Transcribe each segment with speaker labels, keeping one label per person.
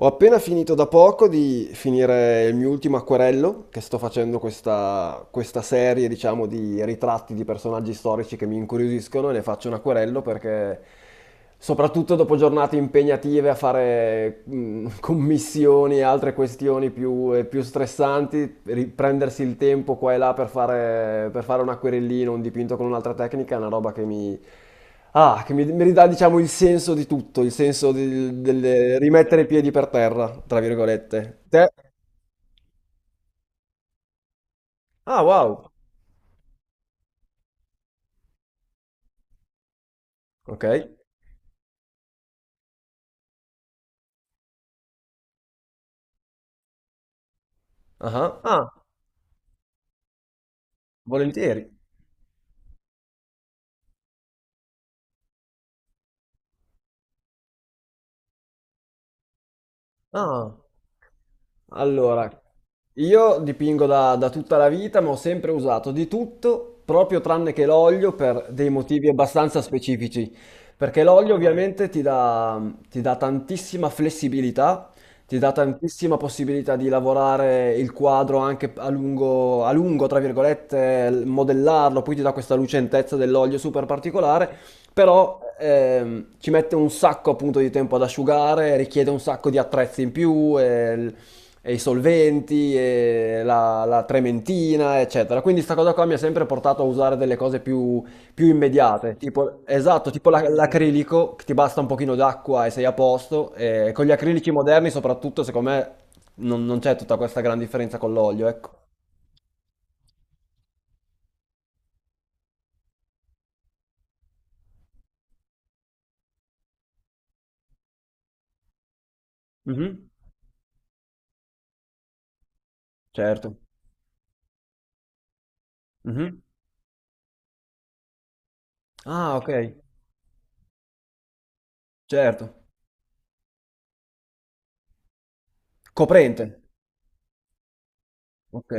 Speaker 1: Ho appena finito da poco di finire il mio ultimo acquerello, che sto facendo questa, questa serie, diciamo, di ritratti di personaggi storici che mi incuriosiscono e ne faccio un acquerello perché, soprattutto dopo giornate impegnative a fare commissioni e altre questioni più, più stressanti, prendersi il tempo qua e là per fare un acquerellino, un dipinto con un'altra tecnica è una roba che mi Ah, che mi ridà, diciamo, il senso di tutto, il senso del, del rimettere i piedi per terra, tra virgolette. Te? Ah, wow. Ok. Ah, ah, volentieri. Ah. Allora, io dipingo da, da tutta la vita, ma ho sempre usato di tutto, proprio tranne che l'olio, per dei motivi abbastanza specifici. Perché l'olio ovviamente ti dà tantissima flessibilità, ti dà tantissima possibilità di lavorare il quadro anche a lungo, tra virgolette, modellarlo, poi ti dà questa lucentezza dell'olio super particolare, però ci mette un sacco appunto di tempo ad asciugare, richiede un sacco di attrezzi in più. E e i solventi, e la, la trementina, eccetera. Quindi sta cosa qua mi ha sempre portato a usare delle cose più, più immediate, tipo, esatto, tipo l'acrilico, che ti basta un pochino d'acqua e sei a posto, e con gli acrilici moderni soprattutto, secondo me, non c'è tutta questa gran differenza con l'olio, ecco. Mhm. Certo. Mhm. Ah, ok, certo. Coprente, ok.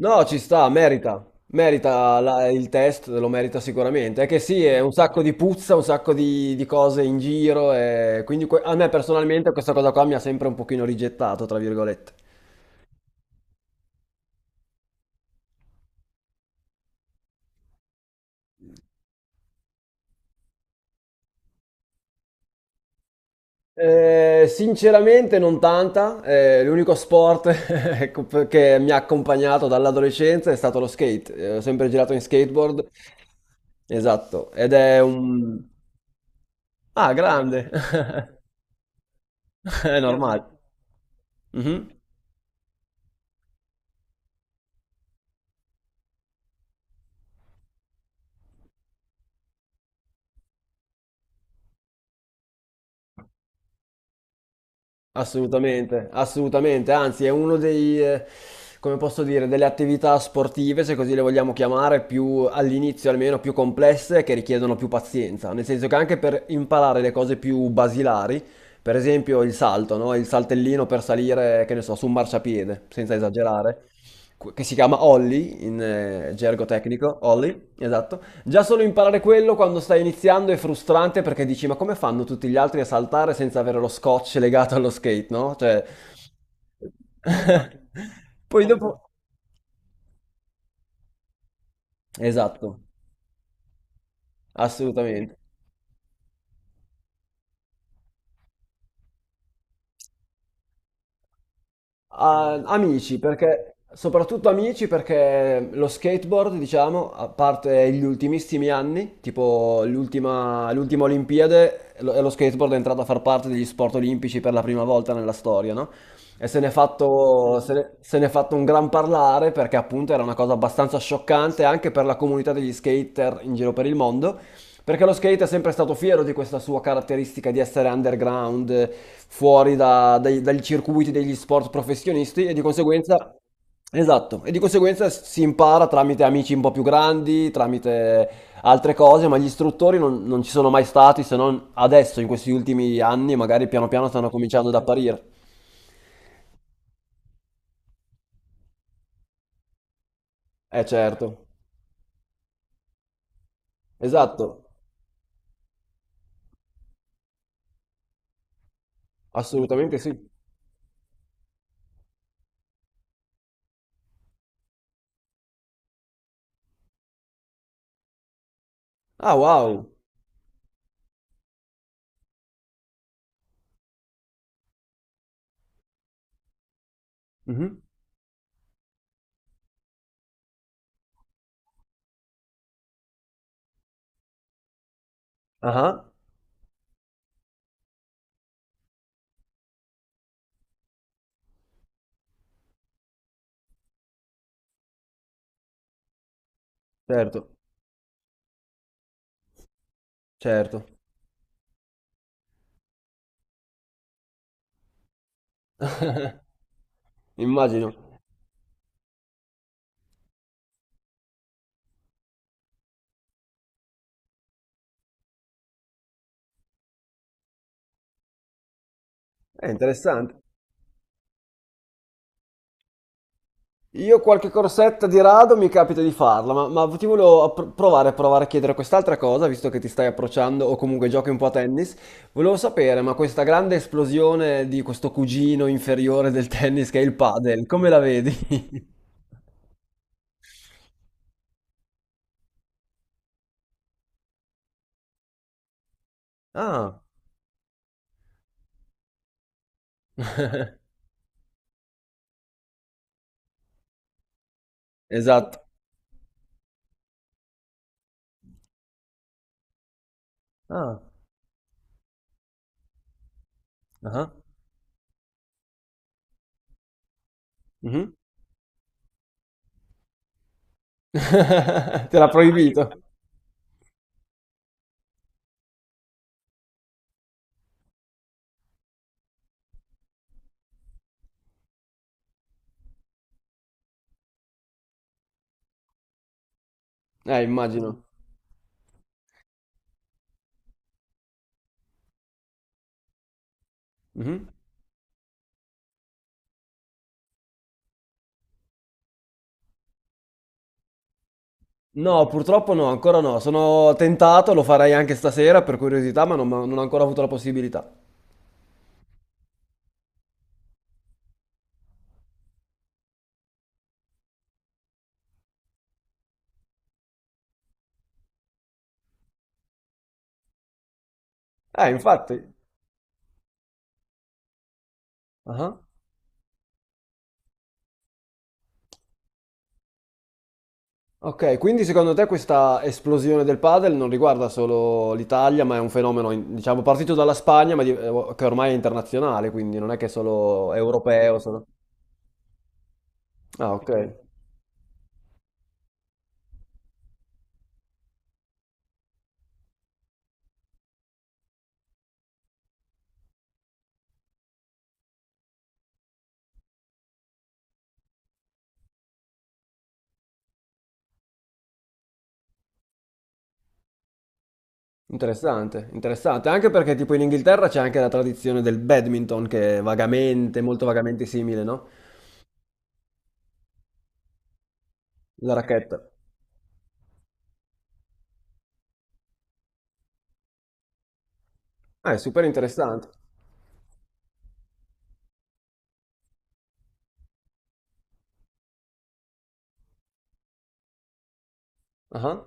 Speaker 1: No, ci sta, merita. Merita il test, lo merita sicuramente. È che sì, è un sacco di puzza, un sacco di cose in giro e quindi a me personalmente questa cosa qua mi ha sempre un pochino rigettato, tra virgolette. Sinceramente non tanta, l'unico sport ecco, che mi ha accompagnato dall'adolescenza è stato lo skate. Ho sempre girato in skateboard. Esatto, ed è un... Ah, grande, è normale. Mhm. Assolutamente, assolutamente, anzi è uno dei, come posso dire, delle attività sportive, se così le vogliamo chiamare, più all'inizio almeno più complesse che richiedono più pazienza, nel senso che anche per imparare le cose più basilari, per esempio il salto, no? Il saltellino per salire, che ne so, su un marciapiede, senza esagerare, che si chiama ollie in gergo tecnico, ollie, esatto. Già solo imparare quello quando stai iniziando è frustrante perché dici ma come fanno tutti gli altri a saltare senza avere lo scotch legato allo skate, no? Cioè... Poi dopo... Esatto, assolutamente. Amici, perché, soprattutto amici, perché lo skateboard, diciamo, a parte gli ultimissimi anni, tipo l'ultima, l'ultima Olimpiade, lo skateboard è entrato a far parte degli sport olimpici per la prima volta nella storia, no? E se ne è fatto, se ne è fatto un gran parlare perché appunto era una cosa abbastanza scioccante anche per la comunità degli skater in giro per il mondo. Perché lo skate è sempre stato fiero di questa sua caratteristica di essere underground, fuori dai, dagli circuiti degli sport professionisti e di conseguenza... Esatto, e di conseguenza si impara tramite amici un po' più grandi, tramite altre cose, ma gli istruttori non ci sono mai stati se non adesso, in questi ultimi anni, magari piano piano stanno cominciando ad apparire. Eh certo, esatto, assolutamente sì. Ah, wow. Mhm. Ah, certo, certo, immagino. È interessante. Io qualche corsetta di rado mi capita di farla, ma ti volevo provare a provare a chiedere quest'altra cosa, visto che ti stai approcciando o comunque giochi un po' a tennis. Volevo sapere, ma questa grande esplosione di questo cugino inferiore del tennis che è il padel, come la vedi? Ah, esatto. Ah, ah, mhm. Te l'ha proibito? Immagino. Mhm. No, purtroppo no, ancora no. Sono tentato, lo farei anche stasera per curiosità, ma non ho ancora avuto la possibilità. Infatti. Ah. Ok, quindi secondo te questa esplosione del padel non riguarda solo l'Italia, ma è un fenomeno, diciamo, partito dalla Spagna, ma che ormai è internazionale, quindi non è che è solo europeo, solo... Ah, ok. Interessante, interessante. Anche perché tipo in Inghilterra c'è anche la tradizione del badminton che è vagamente, molto vagamente simile, no? La racchetta. Ah, è super interessante. Ah.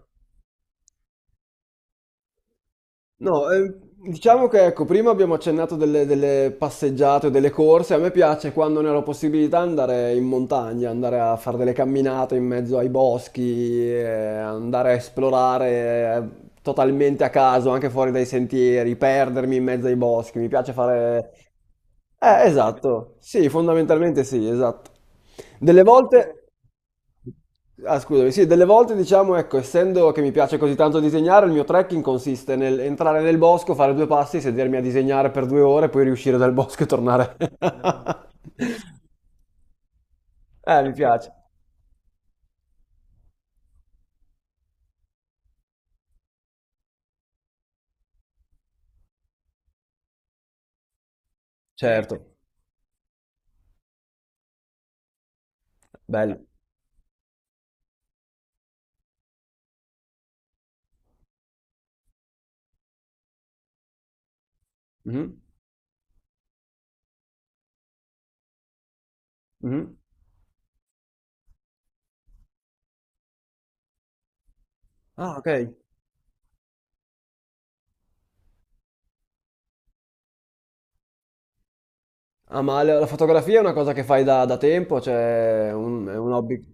Speaker 1: No, diciamo che ecco, prima abbiamo accennato delle, delle passeggiate o delle corse. A me piace quando ne ho la possibilità andare in montagna, andare a fare delle camminate in mezzo ai boschi, andare a esplorare totalmente a caso, anche fuori dai sentieri, perdermi in mezzo ai boschi. Mi piace fare. Esatto. Sì, fondamentalmente sì, esatto. Delle volte... Ah, scusami, sì, delle volte diciamo, ecco, essendo che mi piace così tanto disegnare, il mio trekking consiste nel entrare nel bosco, fare due passi, sedermi a disegnare per 2 ore, poi riuscire dal bosco e tornare. Mi piace. Certo, bello. Mhm, mhm. Ah, ok. Ah, ma la fotografia è una cosa che fai da, da tempo, cioè è un hobby.